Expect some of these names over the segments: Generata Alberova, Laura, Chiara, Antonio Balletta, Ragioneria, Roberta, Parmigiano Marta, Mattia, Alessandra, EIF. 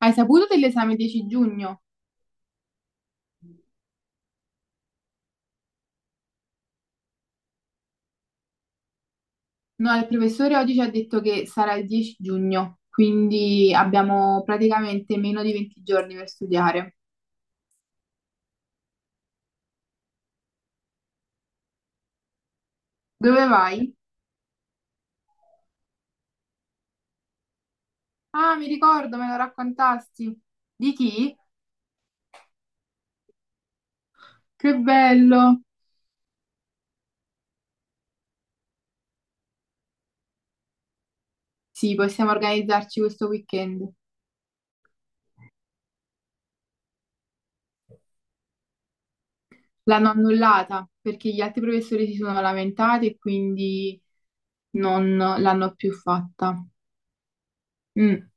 Hai saputo dell'esame 10 giugno? No, il professore oggi ci ha detto che sarà il 10 giugno, quindi abbiamo praticamente meno di 20 giorni per studiare. Dove vai? Ah, mi ricordo, me lo raccontasti. Di chi? Che bello! Sì, possiamo organizzarci questo weekend. L'hanno annullata perché gli altri professori si sono lamentati e quindi non l'hanno più fatta. Mm.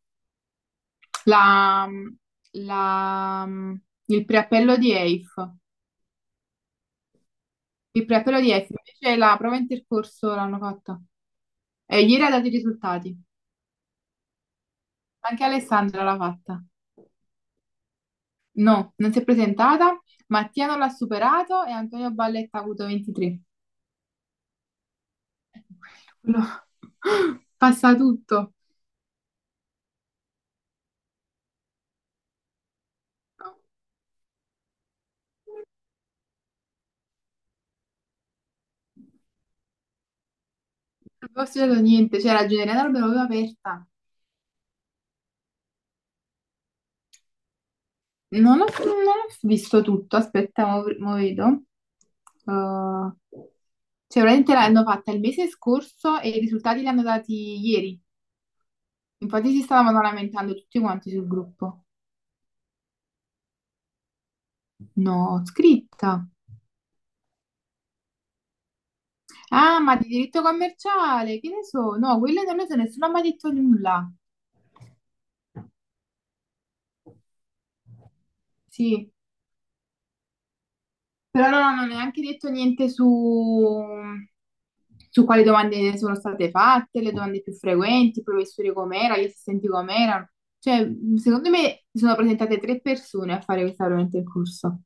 La, la, il preappello di EIF. Il preappello di estro, invece la prova intercorso l'hanno fatta. E ieri ha dato i risultati. Anche Alessandra l'ha fatta. No, non si è presentata. Mattia non l'ha superato e Antonio Balletta ha avuto 23. Quello- passa tutto. Non ho studiato niente, c'era Generata Alberova aperta. Non ho visto tutto, aspetta, mo vedo. Uh, cioè, veramente l'hanno fatta il mese scorso e i risultati li hanno dati ieri. Infatti si stavano lamentando tutti quanti sul gruppo. No, scritta. Ah, ma di diritto commerciale, che ne so? No, quelle non lo so, nessuno ha mai detto nulla. Sì, però non hanno neanche detto niente su, su quali domande sono state fatte, le domande più frequenti, i professori com'era, gli assistenti com'erano. Cioè, secondo me si sono presentate tre persone a fare questa veramente il corso.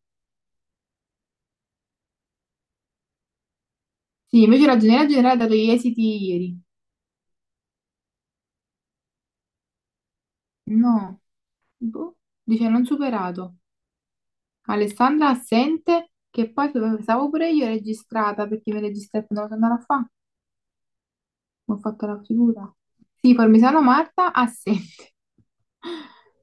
Sì, invece la ragioneria generale ha dato gli esiti ieri. No, boh, dice non superato. Alessandra assente, che poi pensavo pure io registrata perché mi registrate non sono andata a fa, ho fatto la figura. Sì, Parmigiano Marta assente.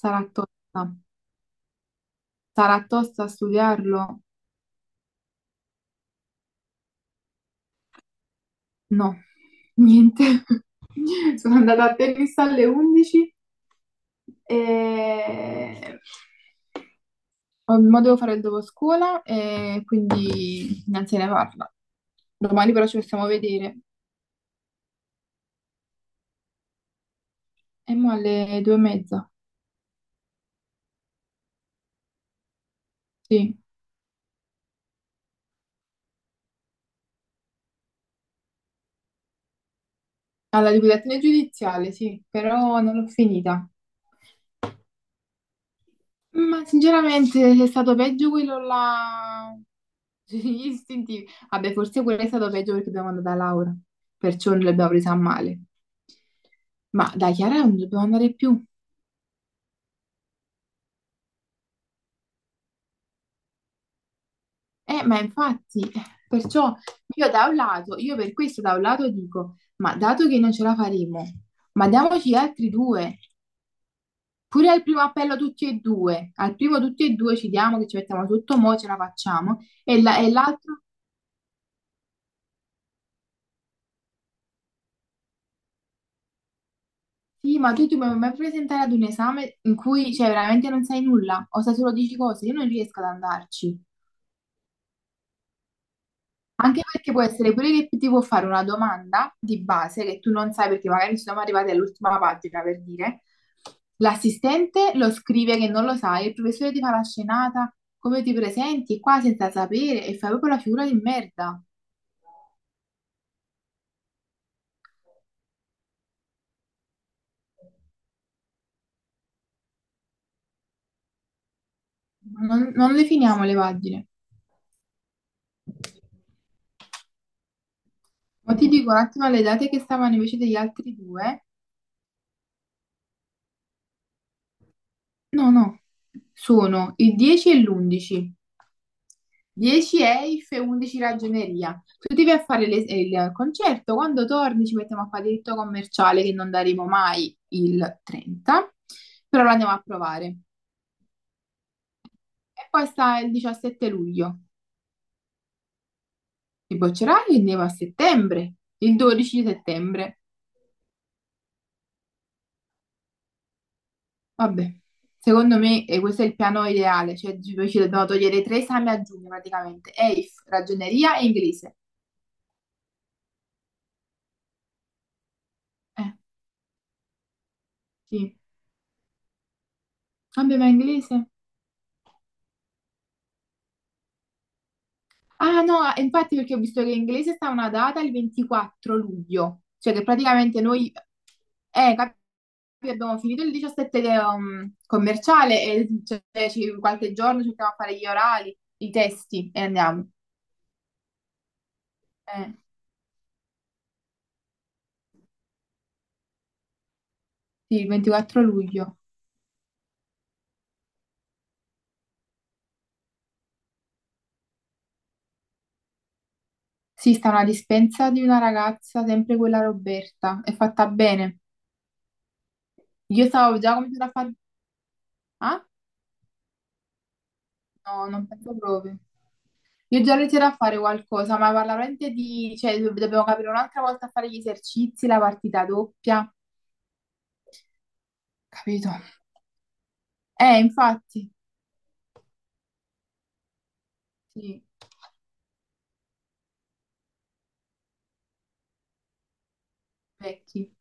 Sarà tosta. Sarà tosta studiarlo? No, niente. Sono andata a tennis alle 11 e ho- mo devo fare il dopo scuola e quindi non se ne parla. Domani però ci possiamo vedere. E mo alle due e mezza. Sì, alla liquidazione giudiziale, sì, però non l'ho finita. Ma sinceramente è stato peggio quello là sugli istintivi. Vabbè, forse quello è stato peggio perché abbiamo andata a Laura, perciò non l'abbiamo presa a male. Ma da Chiara non dobbiamo andare più. Ma infatti, perciò io da un lato, io per questo da un lato dico, ma dato che non ce la faremo, ma diamoci gli altri due. Pure al primo appello tutti e due, al primo tutti e due ci diamo che ci mettiamo sotto, mo ce la facciamo, e la- e l'altro, sì, ma tu ti puoi mai presentare ad un esame in cui, cioè, veramente non sai nulla, o sai solo 10 cose, io non riesco ad andarci. Anche perché può essere pure che ti può fare una domanda di base che tu non sai perché magari siamo arrivati all'ultima pagina, per dire, l'assistente lo scrive che non lo sai, il professore ti fa la scenata, come ti presenti qua senza sapere, e fai proprio la figura di merda. Non le finiamo le pagine. Ma ti dico un attimo le date che stavano invece degli altri due. No, no. Sono il 10 e l'11. 10 EIF e 11 Ragioneria. Tu ti vai a fare le- il concerto, quando torni ci mettiamo a fare diritto commerciale che non daremo mai il 30, però lo andiamo a provare. E poi sta il 17 luglio. Ti boccerai e andiamo a settembre, il 12 di settembre. Vabbè, secondo me questo è il piano ideale, cioè tipo, ci dobbiamo togliere tre esami a giugno praticamente, EIF, ragioneria e inglese. Eh, sì. Vabbè, ma inglese? Ah no, infatti perché ho visto che in inglese sta una data il 24 luglio, cioè che praticamente noi, eh, cap- abbiamo finito il 17 commerciale e cioè, ci- qualche giorno cerchiamo a fare gli orali, i testi e andiamo. Eh, sì, il 24 luglio. Sì, sta una dispensa di una ragazza, sempre quella Roberta, è fatta bene. Io stavo già cominciando a fare... Ah? No, non penso proprio. Io già ho iniziato a fare qualcosa, ma parla veramente di... Cioè, do- dobbiamo capire un'altra volta a fare gli esercizi, la partita doppia, capito? Infatti, sì, vecchi.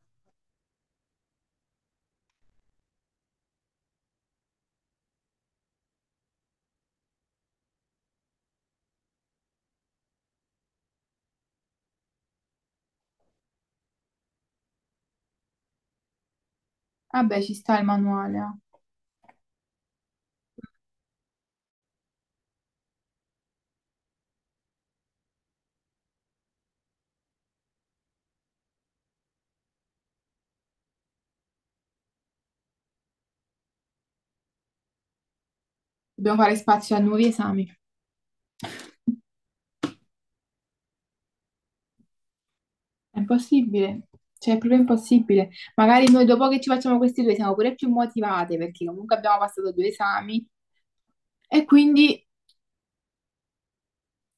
Vabbè, ci sta il manuale, ah. Dobbiamo fare spazio a nuovi esami. È impossibile, cioè è proprio impossibile. Magari noi dopo che ci facciamo questi due siamo pure più motivate, perché comunque abbiamo passato due esami. E quindi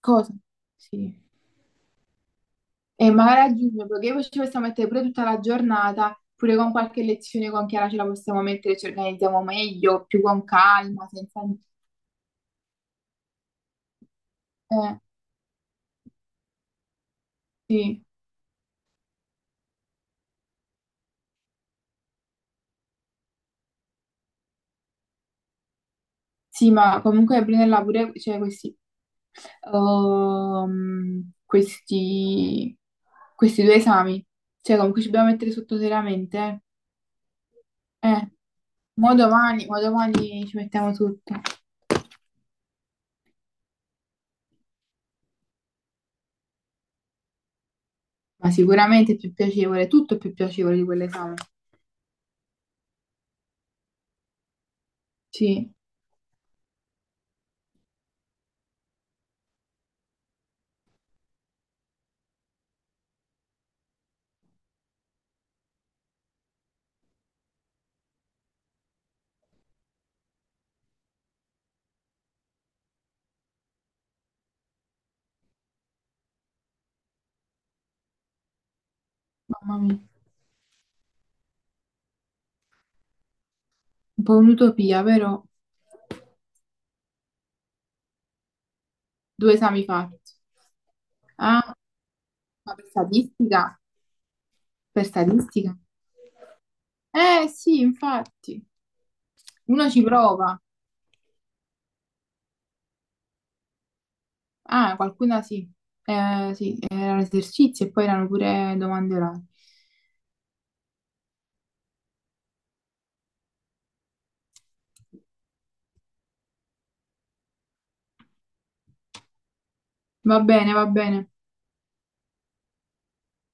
cosa? Sì. E magari a giugno, perché poi ci possiamo mettere pure tutta la giornata, pure con qualche lezione con Chiara ce la possiamo mettere, ci organizziamo meglio, più con calma, senza... Eh, sì. Sì, ma comunque prenderla pure, cioè questi, questi, questi due esami, cioè comunque ci dobbiamo mettere sotto seriamente. Eh, Eh, mo domani ci mettiamo tutto, ma sicuramente è più piacevole, tutto è più piacevole di quell'esame. Sì. Mamma mia, un po' un'utopia, però due esami fatti. Ah, ma per statistica? Per statistica? Eh sì, infatti, uno ci prova. Ah, qualcuna sì. Sì, erano esercizi e poi erano pure domande orali. Va bene, va bene.